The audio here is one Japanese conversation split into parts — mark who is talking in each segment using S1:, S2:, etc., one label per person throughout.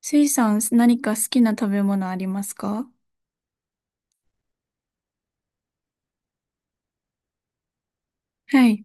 S1: スイさん、何か好きな食べ物ありますか？はい、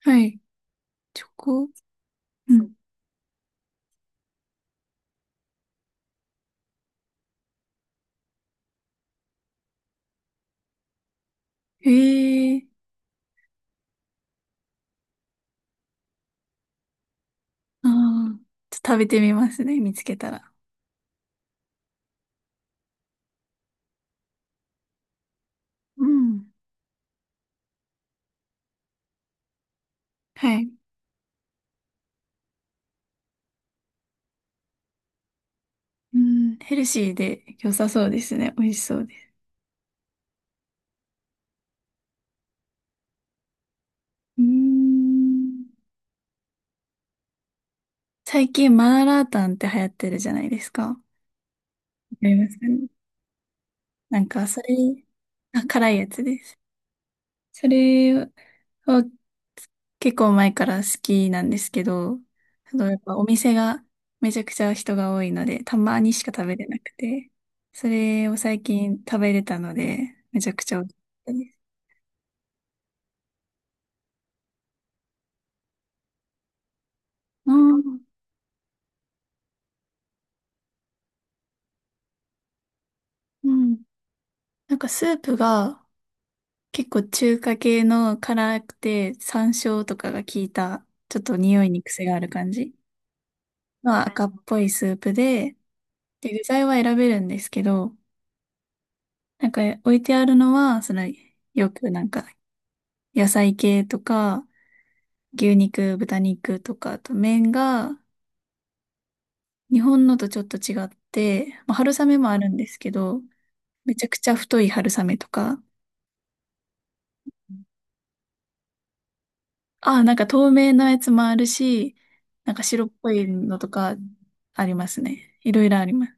S1: はい。チョコ。うん。へえ。ああー、ちょっと食べてみますね、見つけたら。うん。はい。うん、ヘルシーで良さそうですね。美味しそうです。うーん。最近、マーラータンって流行ってるじゃないですか。わかりますかね。なんか、それ、あ、辛いやつです。それを結構前から好きなんですけど、やっぱお店がめちゃくちゃ人が多いので、たまにしか食べれなくて、それを最近食べれたので、めちゃくちゃ美味しかったです。うん。うん。なんかスープが結構中華系の辛くて山椒とかが効いた、ちょっと匂いに癖がある感じの赤っぽいスープで、で、具材は選べるんですけど、なんか置いてあるのは、その、よくなんか野菜系とか、牛肉、豚肉とか、あと麺が日本のとちょっと違って、まあ、春雨もあるんですけど、めちゃくちゃ太い春雨とか、ああ、なんか透明なやつもあるし、なんか白っぽいのとかありますね。いろいろあります。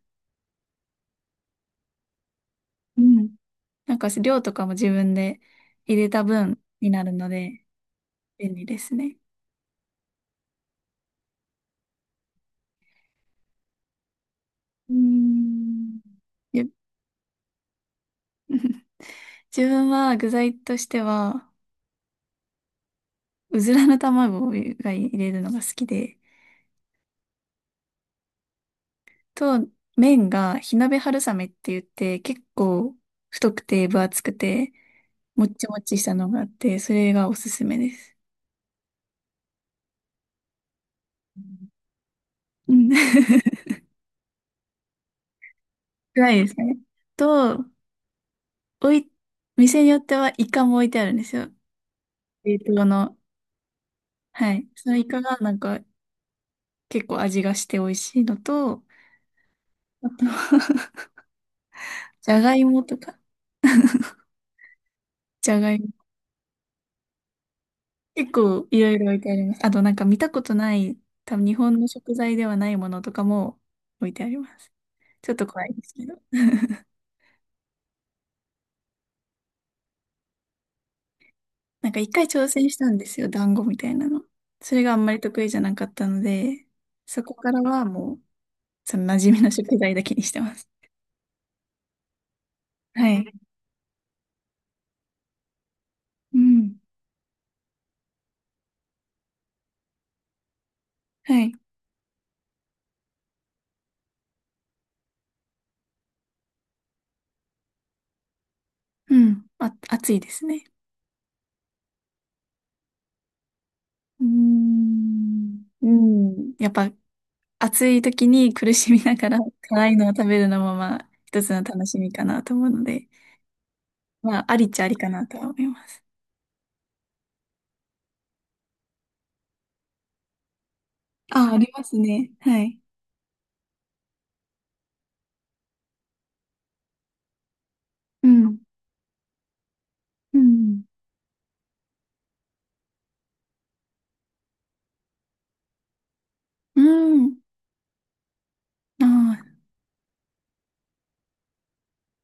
S1: うん。なんか量とかも自分で入れた分になるので便利ですね。うーん。で、 自分は具材としては、うずらの卵が入れるのが好きで、と、麺が火鍋春雨って言って、結構太くて分厚くて、もっちもっちしたのがあって、それがおすすめです。うん。辛いですね。と、おい、店によってはイカも置いてあるんですよ。冷凍の。はい。そのイカがなんか結構味がして美味しいのと、あと、 じゃがいもとか、じゃがいも。結構いろいろ置いてあります。あとなんか見たことない、多分日本の食材ではないものとかも置いてあります。ちょっと怖いですけど。なんか一回挑戦したんですよ、団子みたいなの。それがあんまり得意じゃなかったので、そこからはもう、その馴染みの食材だけにしてます。はい。うん。はい。うん。あ、暑いですね。うーん。うん。やっぱ暑い時に苦しみながら辛いのを食べるのもまあ一つの楽しみかなと思うので、まあありっちゃありかなとは思います。あ、ありますね。はい。うん。うん。うん。ああ、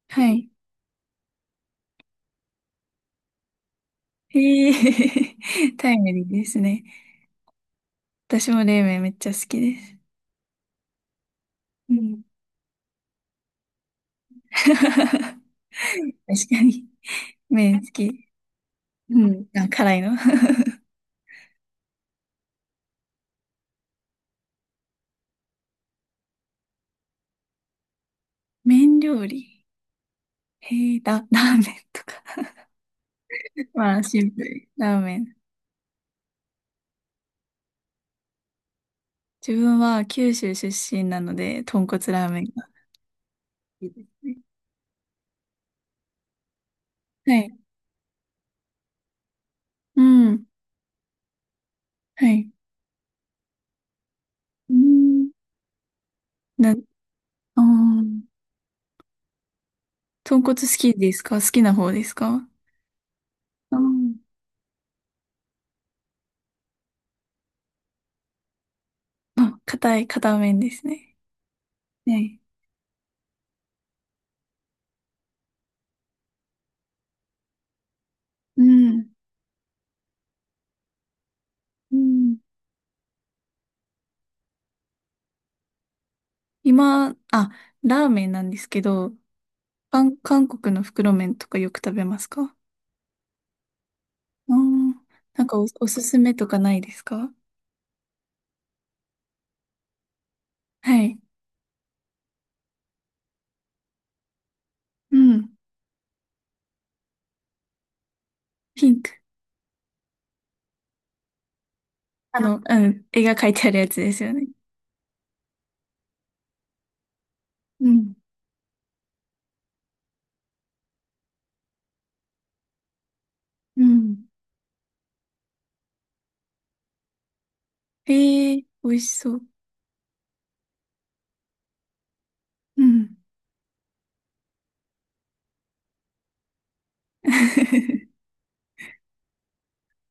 S1: はい。へえ、タイムリーですね。私も冷麺めっちゃ好きです。うん。確かに。麺好き。うん。あ、辛いの。麺料理。へえ、ラーメンとか。まあ、シンプル。ラーメン。自分は九州出身なので、豚骨ラーメンが好きですね。はい。うん。はい。うん。な、あー、豚骨好きですか？好きな方ですか？うん。あ、硬い、硬麺ですね。はい。うん。うん。今、あ、ラーメンなんですけど、韓国の袋麺とかよく食べますか？あー、なんかおすすめとかないですか？はい。うん。ピンク。あの、うん。絵が描いてあるやつですよね。うん。うん。へえ、美味しそう。うん。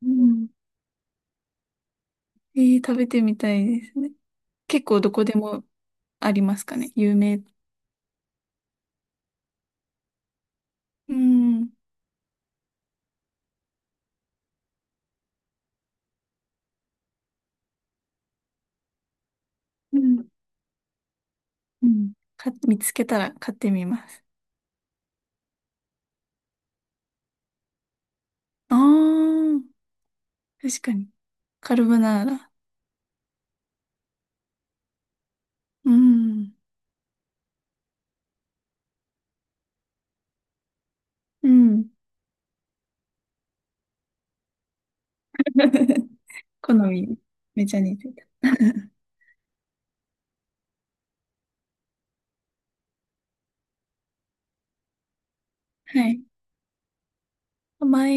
S1: うん。へえ、食べてみたいですね。結構どこでもありますかね。有名。うん。うん。うん。か、見つけたら買ってみます。ああ。確かに。カルボナーラ。うん。うん。好み、めちゃ似てた。はい。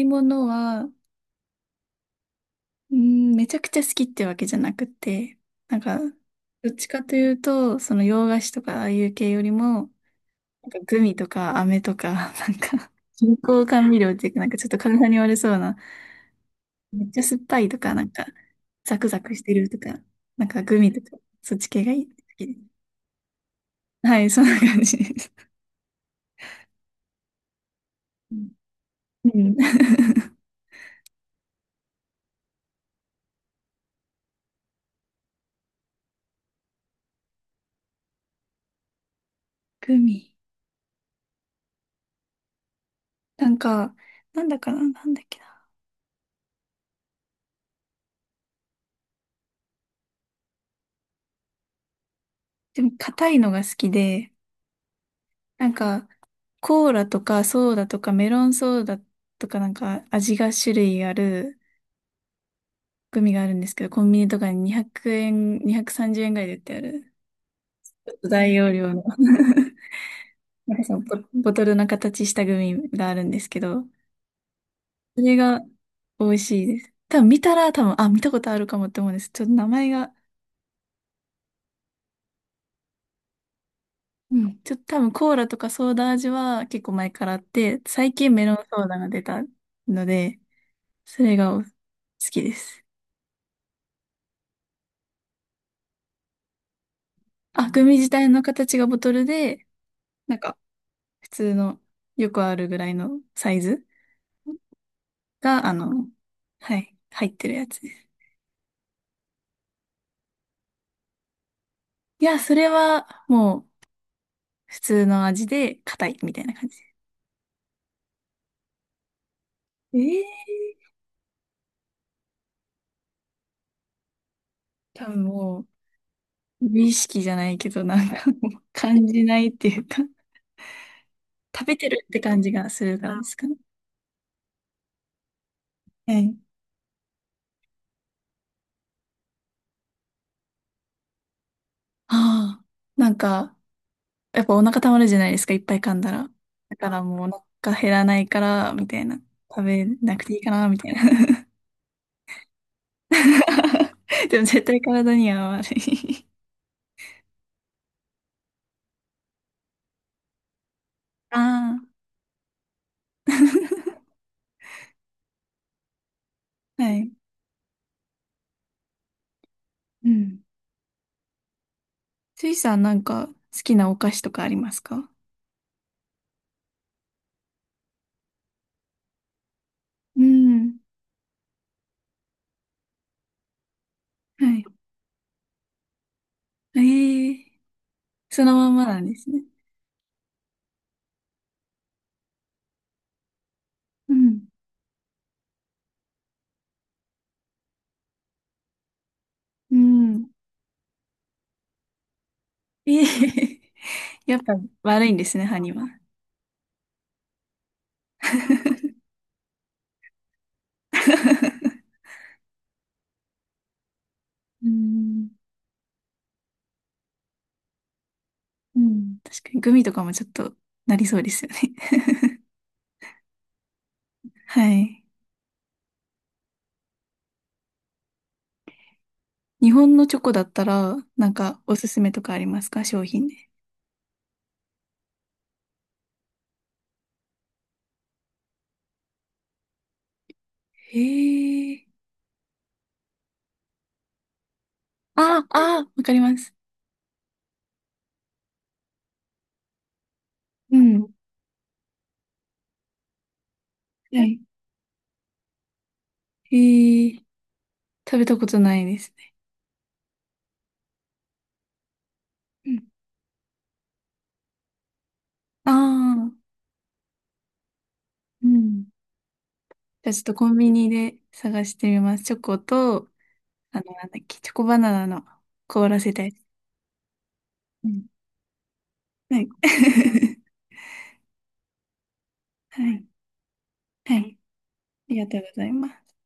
S1: 甘いものは、うん、めちゃくちゃ好きってわけじゃなくて、なんか、どっちかというと、その洋菓子とかああいう系よりも、なんかグミとか飴とか、なんか、人工甘味料っていうか、なんかちょっと体に悪そうな、めっちゃ酸っぱいとか、なんか、ザクザクしてるとか、なんかグミとか、そっち系がいい。好きです。はい、そんな感じです。うん。グミ。なんか、なんだかな、なんだっけな。でも、硬いのが好きで、なんか、コーラとかソーダとかメロンソーダとかなんか味が種類あるグミがあるんですけど、コンビニとかに200円、230円ぐらいで売ってある。ちょっと大容量の、 なんかそのボトルの形したグミがあるんですけど、それが美味しいです。多分見たら多分、あ、見たことあるかもって思うんです。ちょっと名前が、うん。ちょっと多分コーラとかソーダ味は結構前からあって、最近メロンソーダが出たので、それがお好きです。あ、グミ自体の形がボトルで、なんか普通のよくあるぐらいのサイズが、あの、はい、入ってるやつです。いや、それはもう普通の味で硬いみたいな感じ。ええ、多分もう、無意識じゃないけど、なんかもう感じないっていうか、食べてるって感じがするからですかね。はい。ああ、なんか、やっぱお腹たまるじゃないですか、いっぱい噛んだら。だからもうお腹減らないから、みたいな。食べなくていいかな、みたいな。でも絶対体には悪い。ああ。はい。うん。スイさんなんか好きなお菓子とかありますか？うん。はい。ええ、そのまんまなんですね。うん。うん。ええ、 やっぱ悪いんですね、歯には。うん。うん。確かにグミとかもちょっとなりそうですよね。はい。日本のチョコだったら、なんかおすすめとかありますか？商品で。へえ。あ、あ、わかります。うん。はい。へえ。食べたことないですね。うん。ああ。うん。じゃあちょっとコンビニで探してみます。チョコと、あの、なんだっけ、チョコバナナの凍らせたやつ。うん。はい。はい。はい。ありがとうございます。